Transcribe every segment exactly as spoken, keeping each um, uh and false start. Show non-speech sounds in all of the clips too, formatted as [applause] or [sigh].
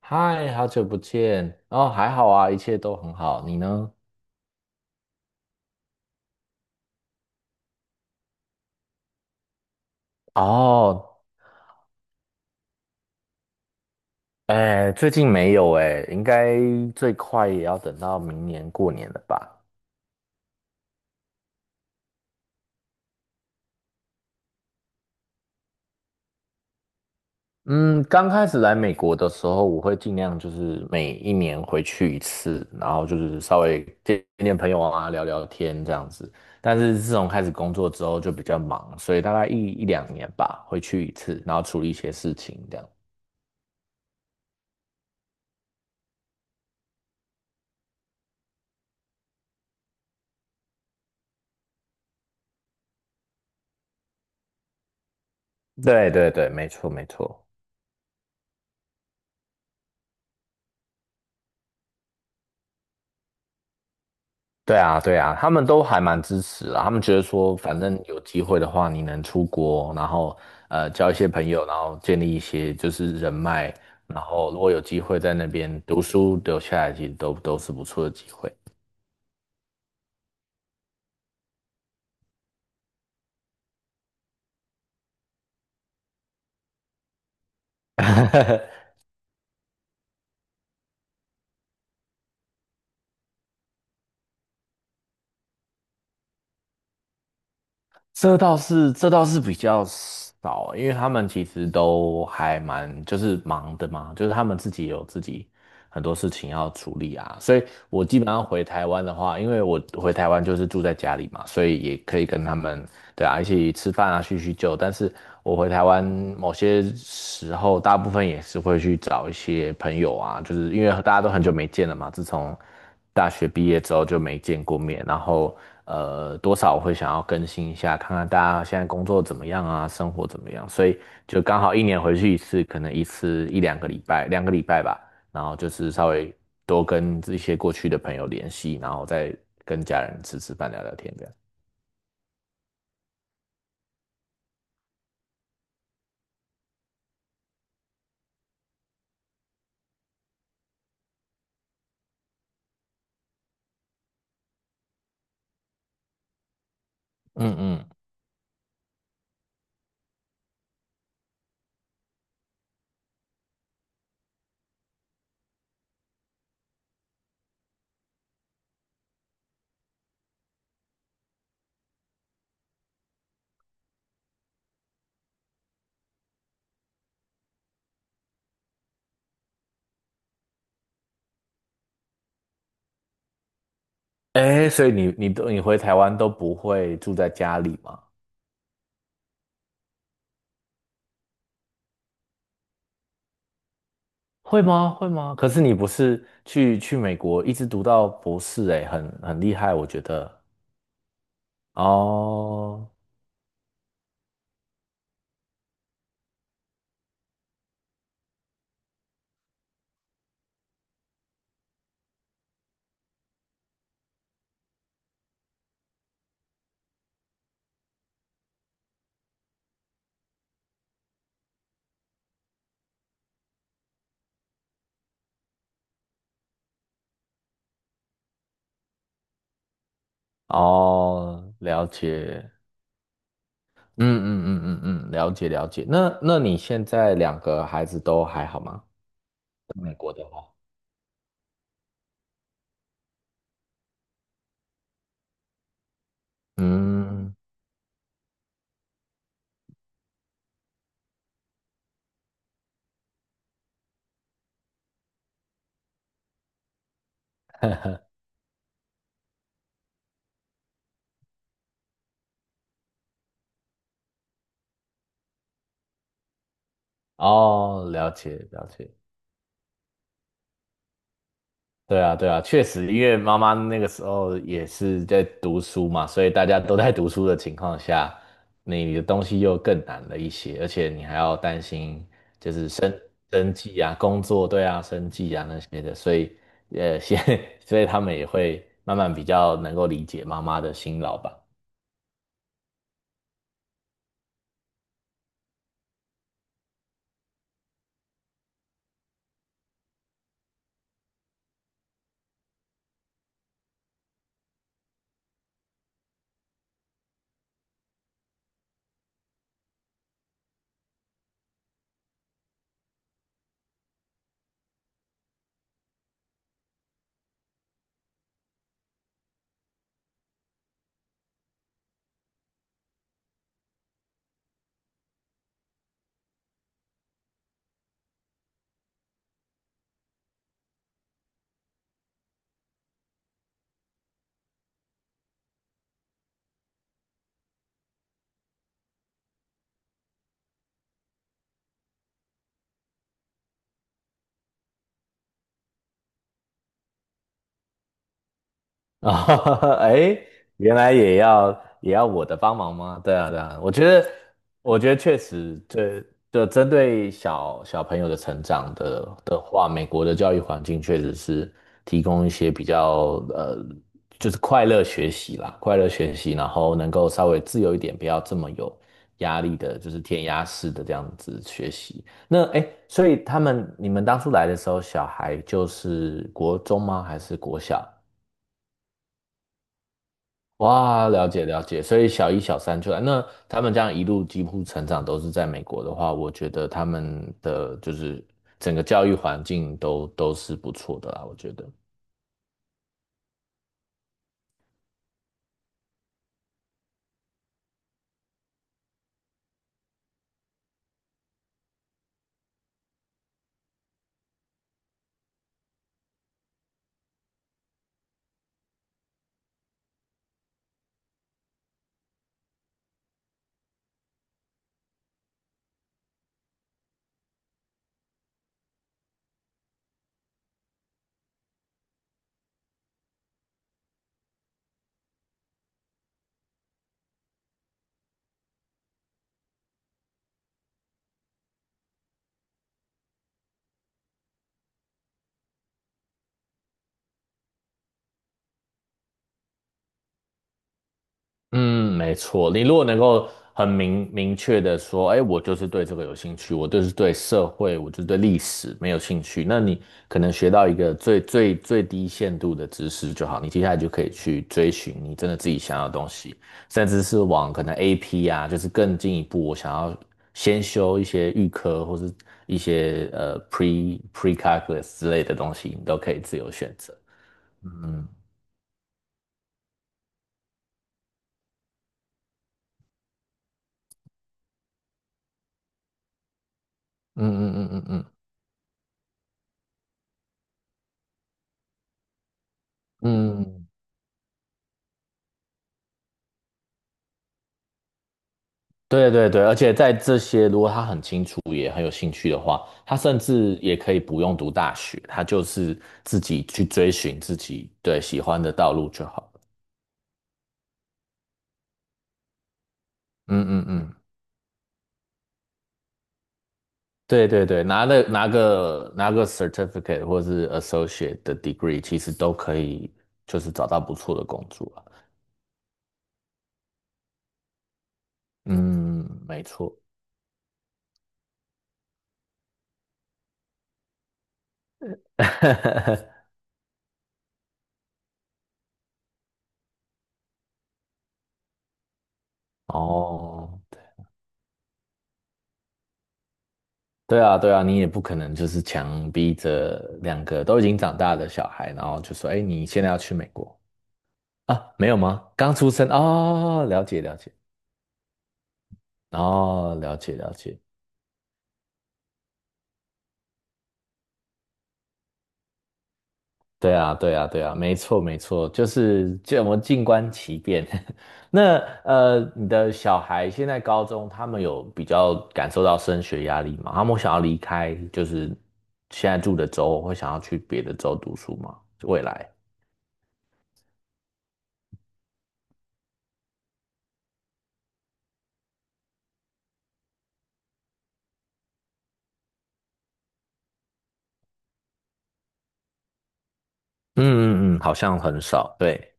嗨，好久不见。哦，还好啊，一切都很好。你呢？哦，哎，最近没有哎，应该最快也要等到明年过年了吧？嗯，刚开始来美国的时候，我会尽量就是每一年回去一次，然后就是稍微见见朋友啊，聊聊天这样子。但是自从开始工作之后就比较忙，所以大概一一两年吧，回去一次，然后处理一些事情这样。对对对，没错没错。对啊，对啊，他们都还蛮支持啦。他们觉得说，反正有机会的话，你能出国，然后呃交一些朋友，然后建立一些就是人脉，然后如果有机会在那边读书留下来，其实都都是不错的机会。[laughs] 这倒是，这倒是比较少，因为他们其实都还蛮就是忙的嘛，就是他们自己有自己很多事情要处理啊，所以我基本上回台湾的话，因为我回台湾就是住在家里嘛，所以也可以跟他们对啊一起吃饭啊叙叙旧，但是我回台湾某些时候，大部分也是会去找一些朋友啊，就是因为大家都很久没见了嘛，自从。大学毕业之后就没见过面，然后呃，多少我会想要更新一下，看看大家现在工作怎么样啊，生活怎么样，所以就刚好一年回去一次，可能一次一两个礼拜，两个礼拜吧，然后就是稍微多跟一些过去的朋友联系，然后再跟家人吃吃饭、聊聊天这样。嗯嗯，哎，所以你你都你回台湾都不会住在家里吗？会吗？会吗？可是你不是去去美国一直读到博士、欸，哎，很很厉害，我觉得。哦哦，了解，嗯嗯嗯嗯嗯，了解了解。那那你现在两个孩子都还好吗？在美国的话，嗯，哦，了解了解。对啊，对啊，确实，因为妈妈那个时候也是在读书嘛，所以大家都在读书的情况下，你的东西又更难了一些，而且你还要担心就是生生计啊、工作，对啊、生计啊那些的，所以呃，先 [laughs] 所以他们也会慢慢比较能够理解妈妈的辛劳吧。啊，[laughs] 哎，原来也要也要我的帮忙吗？对啊，对啊，我觉得，我觉得确实，这就针对小小朋友的成长的的话，美国的教育环境确实是提供一些比较呃，就是快乐学习啦，快乐学习，然后能够稍微自由一点，不要这么有压力的，就是填鸭式的这样子学习。那哎，诶所以他们你们当初来的时候，小孩就是国中吗？还是国小？哇，了解了解，所以小一、小三出来，那他们这样一路几乎成长都是在美国的话，我觉得他们的就是整个教育环境都都是不错的啦，我觉得。嗯，没错。你如果能够很明明确的说，哎，我就是对这个有兴趣，我就是对社会，我就是对历史没有兴趣，那你可能学到一个最最最低限度的知识就好，你接下来就可以去追寻你真的自己想要的东西，甚至是往可能 A P 啊，就是更进一步，我想要先修一些预科或是一些呃 pre pre calculus 之类的东西，你都可以自由选择。嗯嗯嗯嗯嗯嗯嗯。嗯对对对，而且在这些，如果他很清楚也很有兴趣的话，他甚至也可以不用读大学，他就是自己去追寻自己对喜欢的道路就好了。嗯嗯嗯，对对对，拿了拿个拿个 certificate 或是 associate 的 degree,其实都可以，就是找到不错的工作了。嗯，没错。[laughs] 哦，对啊，对啊，你也不可能就是强逼着两个都已经长大的小孩，然后就说："哎，你现在要去美国啊？没有吗？刚出生哦，了解了解，哦，了解了解。"对啊，对啊，对啊，没错没错，就是这我们静观其变。[laughs] 那呃，你的小孩现在高中，他们有比较感受到升学压力吗？他们想要离开，就是现在住的州，或想要去别的州读书吗？未来？嗯嗯嗯，好像很少，对。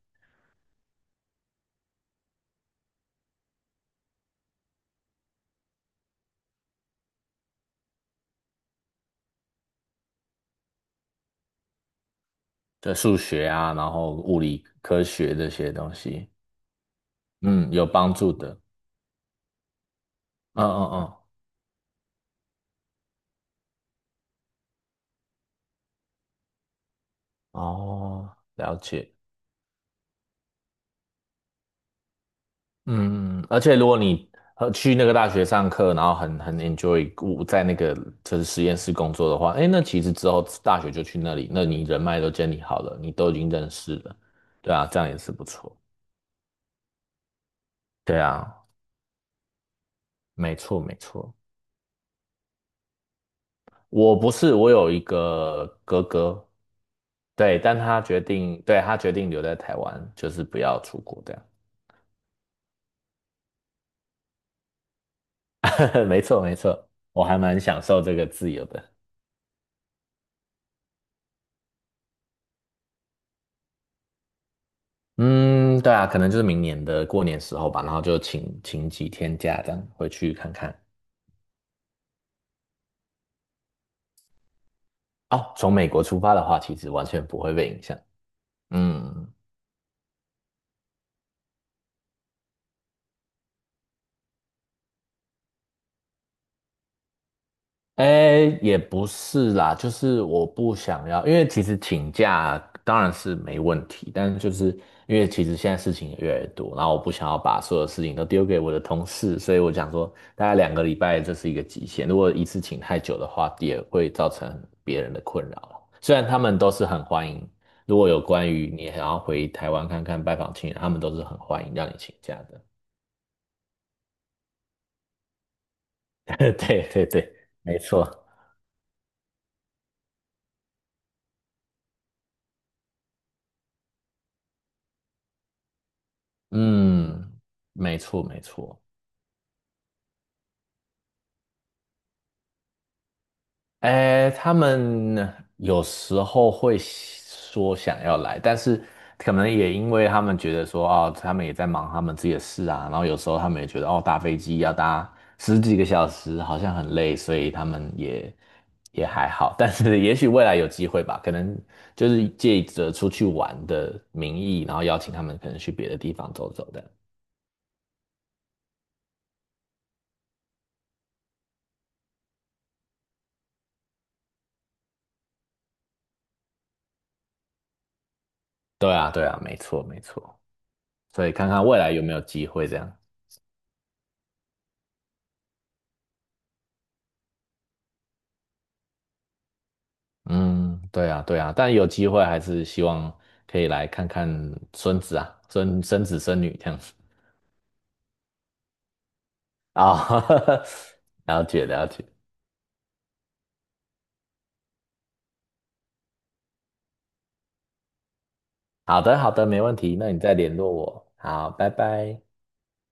对数学啊，然后物理科学这些东西，嗯，有帮助的。嗯嗯嗯，哦，了解。嗯，而且如果你呃去那个大学上课，然后很很 enjoy 我在那个就是实验室工作的话，哎，那其实之后大学就去那里，那你人脉都建立好了，你都已经认识了，对啊，这样也是不错。对啊，没错没错。我不是，我有一个哥哥，对，但他决定，对，他决定留在台湾，就是不要出国这样。[laughs] 没错，没错，我还蛮享受这个自由的。嗯，对啊，可能就是明年的过年时候吧，然后就请请几天假这样回去看看。哦，从美国出发的话，其实完全不会被影响。嗯。哎，也不是啦，就是我不想要，因为其实请假当然是没问题，但是就是因为其实现在事情也越来越多，然后我不想要把所有事情都丢给我的同事，所以我想说，大概两个礼拜这是一个极限，如果一次请太久的话，也会造成别人的困扰啦虽然他们都是很欢迎，如果有关于你想要回台湾看看拜访亲人，他们都是很欢迎让你请假的。[laughs] 对对对，没错，嗯，没错没错。哎，他们有时候会说想要来，但是可能也因为他们觉得说，哦，他们也在忙他们自己的事啊，然后有时候他们也觉得，哦，搭飞机要搭十几个小时，好像很累，所以他们也也还好。[laughs] 但是也许未来有机会吧，可能就是借着出去玩的名义，然后邀请他们可能去别的地方走走的。对啊，对啊，没错，没错。所以看看未来有没有机会这样。嗯，对啊，对啊，但有机会还是希望可以来看看孙子啊，孙孙子孙女这样子啊，[laughs] 了解了解，好的好的，没问题，那你再联络我，好，拜拜。